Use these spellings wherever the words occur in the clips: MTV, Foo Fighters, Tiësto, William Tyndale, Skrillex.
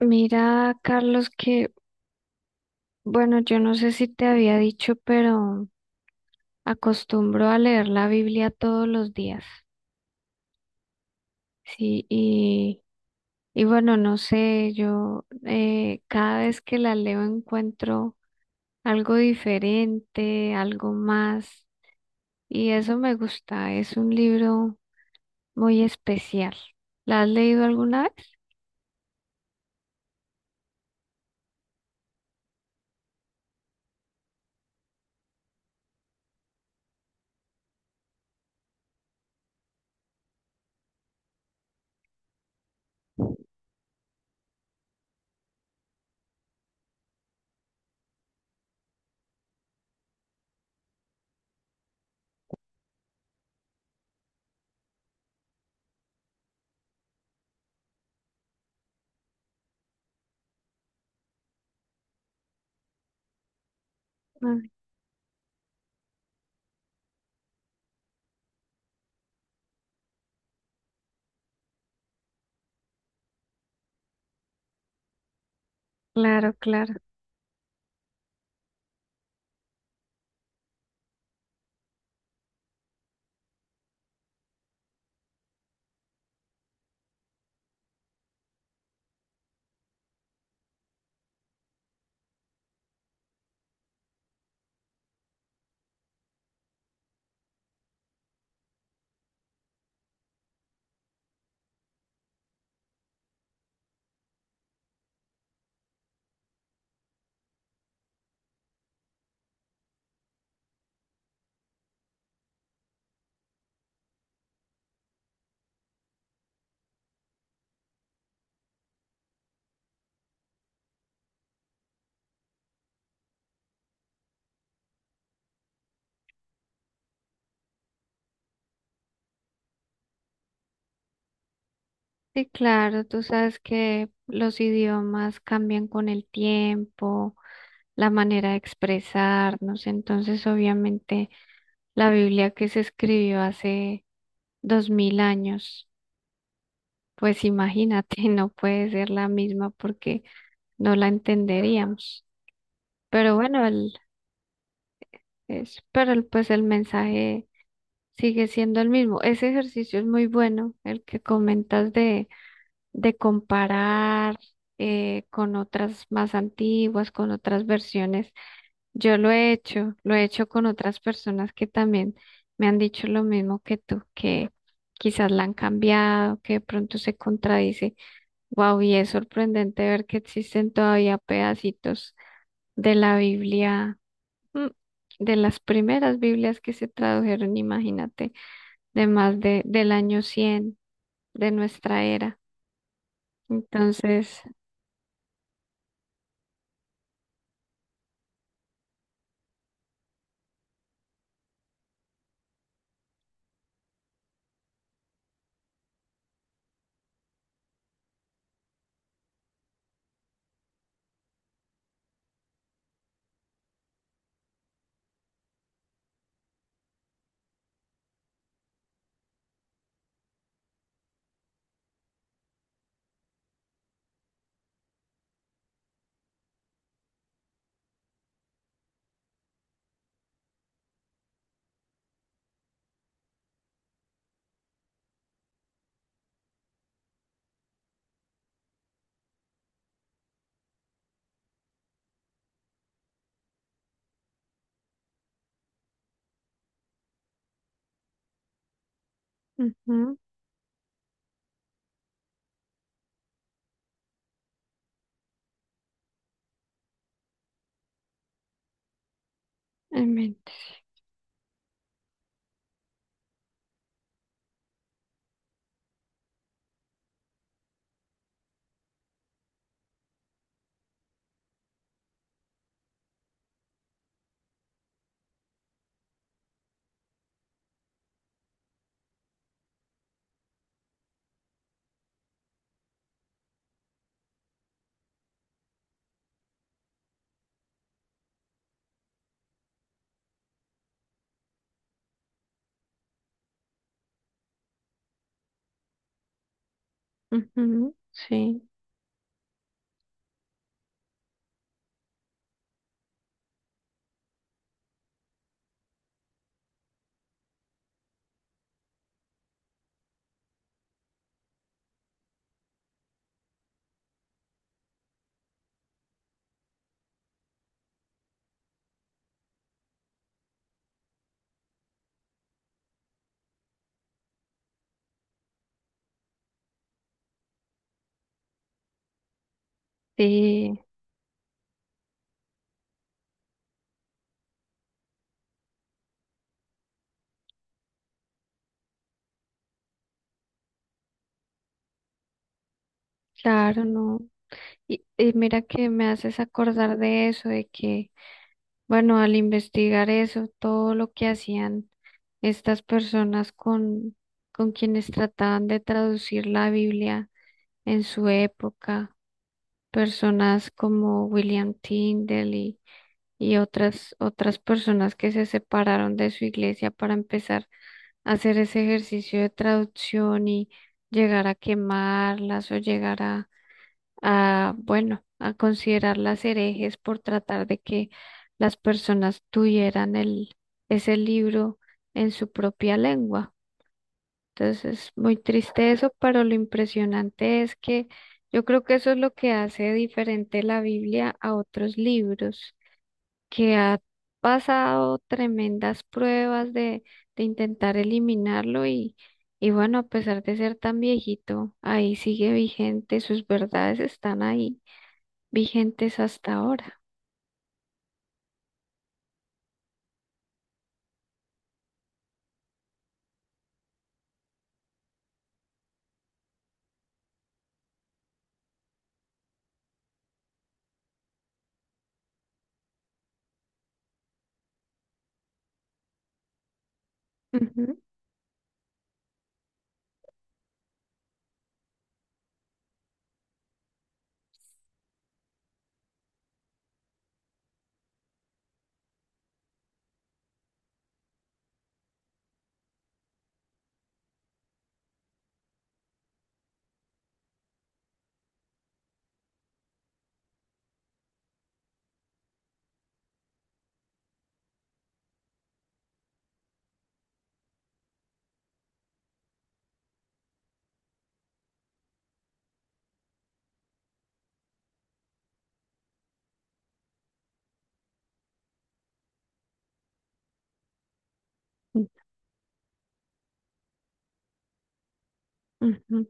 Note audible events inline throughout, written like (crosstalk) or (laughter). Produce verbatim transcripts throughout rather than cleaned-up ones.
Mira, Carlos, que bueno, yo no sé si te había dicho, pero acostumbro a leer la Biblia todos los días. Sí, y, y bueno, no sé, yo eh, cada vez que la leo encuentro algo diferente, algo más, y eso me gusta, es un libro muy especial. ¿La has leído alguna vez? Ah, claro, claro. Sí, claro, tú sabes que los idiomas cambian con el tiempo, la manera de expresarnos. Entonces, obviamente, la Biblia que se escribió hace dos mil años, pues imagínate, (laughs) no puede ser la misma porque no la entenderíamos. Pero bueno, el, es, pero el- pues el mensaje sigue siendo el mismo. Ese ejercicio es muy bueno, el que comentas de, de comparar eh, con otras más antiguas, con otras versiones. Yo lo he hecho, lo he hecho con otras personas que también me han dicho lo mismo que tú, que quizás la han cambiado, que de pronto se contradice. Wow, y es sorprendente ver que existen todavía pedacitos de la Biblia, mm, de las primeras Biblias que se tradujeron, imagínate, de más de, del año cien de nuestra era. Entonces, ujú, en mente, sí. Ujú, sí, sí, claro, no. Y, y mira que me haces acordar de eso, de que, bueno, al investigar eso, todo lo que hacían estas personas con, con quienes trataban de traducir la Biblia en su época, personas como William Tyndale y, y otras, otras personas que se separaron de su iglesia para empezar a hacer ese ejercicio de traducción y llegar a quemarlas o llegar a a, bueno, a considerarlas herejes por tratar de que las personas tuvieran el, ese libro en su propia lengua. Entonces es muy triste eso, pero lo impresionante es que yo creo que eso es lo que hace diferente la Biblia a otros libros, que ha pasado tremendas pruebas de, de intentar eliminarlo y, y bueno, a pesar de ser tan viejito, ahí sigue vigente, sus verdades están ahí vigentes hasta ahora. Ujú, ujú,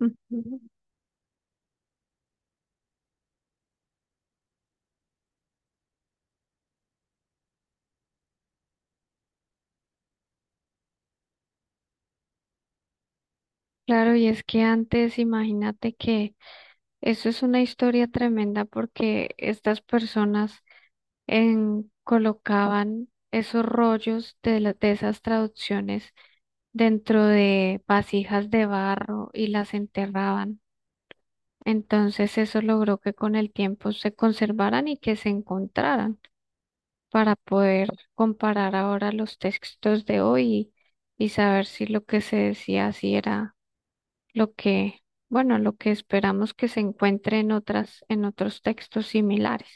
ujú. Claro, y es que antes, imagínate que eso es una historia tremenda porque estas personas en- colocaban esos rollos de, la- de esas traducciones dentro de vasijas de barro y las enterraban. Entonces eso logró que con el tiempo se conservaran y que se encontraran, para poder comparar ahora los textos de hoy y, y saber si lo que se decía si era lo que, bueno, lo que esperamos que se encuentre en otras, en otros textos similares.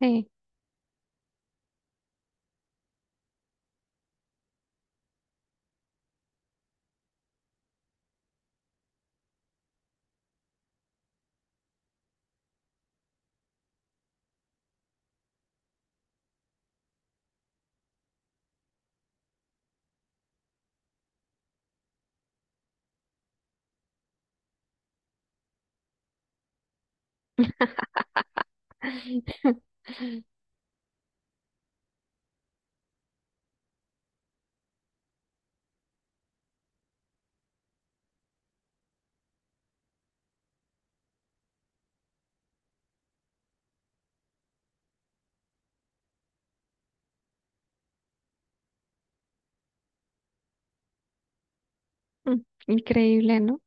Sí. (laughs) Mm, increíble, ¿no?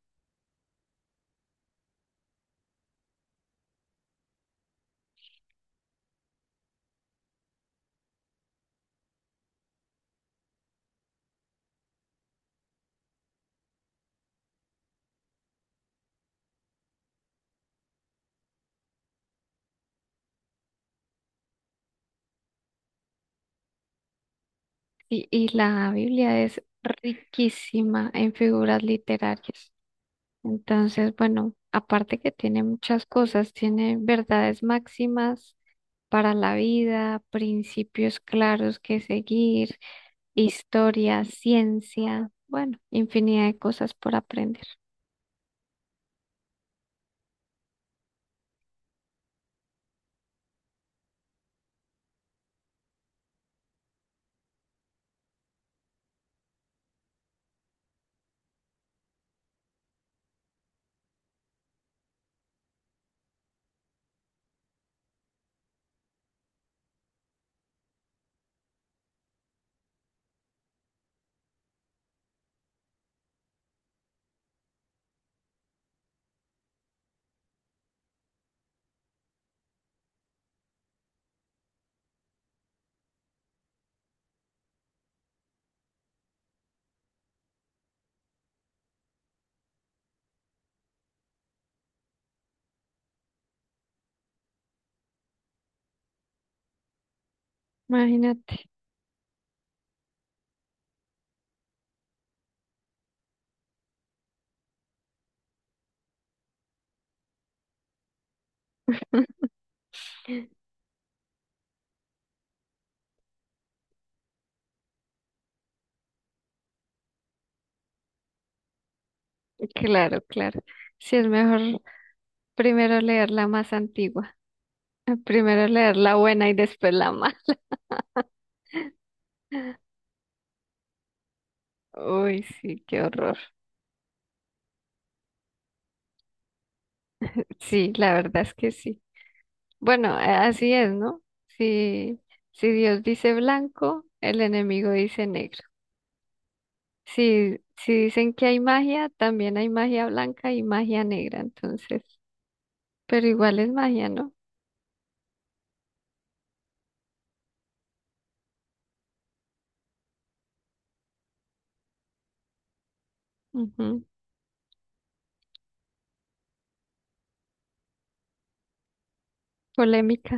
Y, y la Biblia es riquísima en figuras literarias. Entonces, bueno, aparte que tiene muchas cosas, tiene verdades máximas para la vida, principios claros que seguir, historia, ciencia, bueno, infinidad de cosas por aprender. Imagínate. (laughs) Claro, claro. Sí, es mejor primero leer la más antigua, (laughs) primero leer la buena y después la mala. Uy, sí, qué horror. Sí, la verdad es que sí. Bueno, a- así es, ¿no? Si, si Dios dice blanco, el enemigo dice negro. Si, si dicen que hay magia, también hay magia blanca y magia negra, entonces, pero igual es magia, ¿no? Ujú, polémica.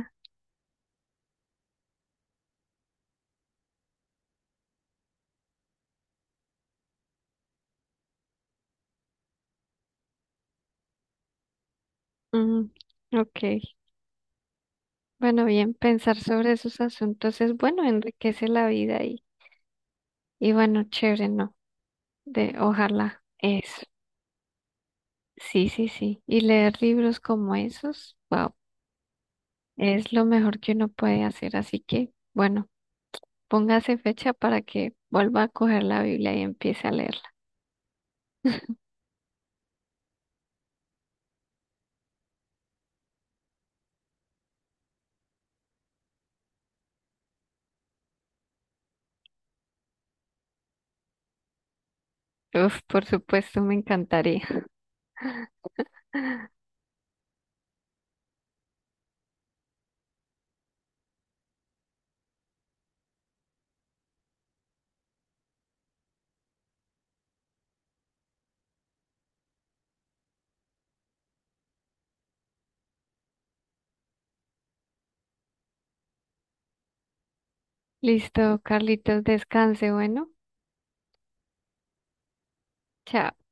Mm, ok. Bueno, bien, pensar sobre esos asuntos es bueno, enriquece la vida y, y bueno, chévere, ¿no? De, ojalá eso. Sí, sí, sí. Y leer libros como esos, wow, es lo mejor que uno puede hacer. Así que, bueno, póngase fecha para que vuelva a coger la Biblia y empiece a leerla. Uf, por supuesto, me encantaría. (laughs) Listo, Carlitos, descanse, bueno. Chao.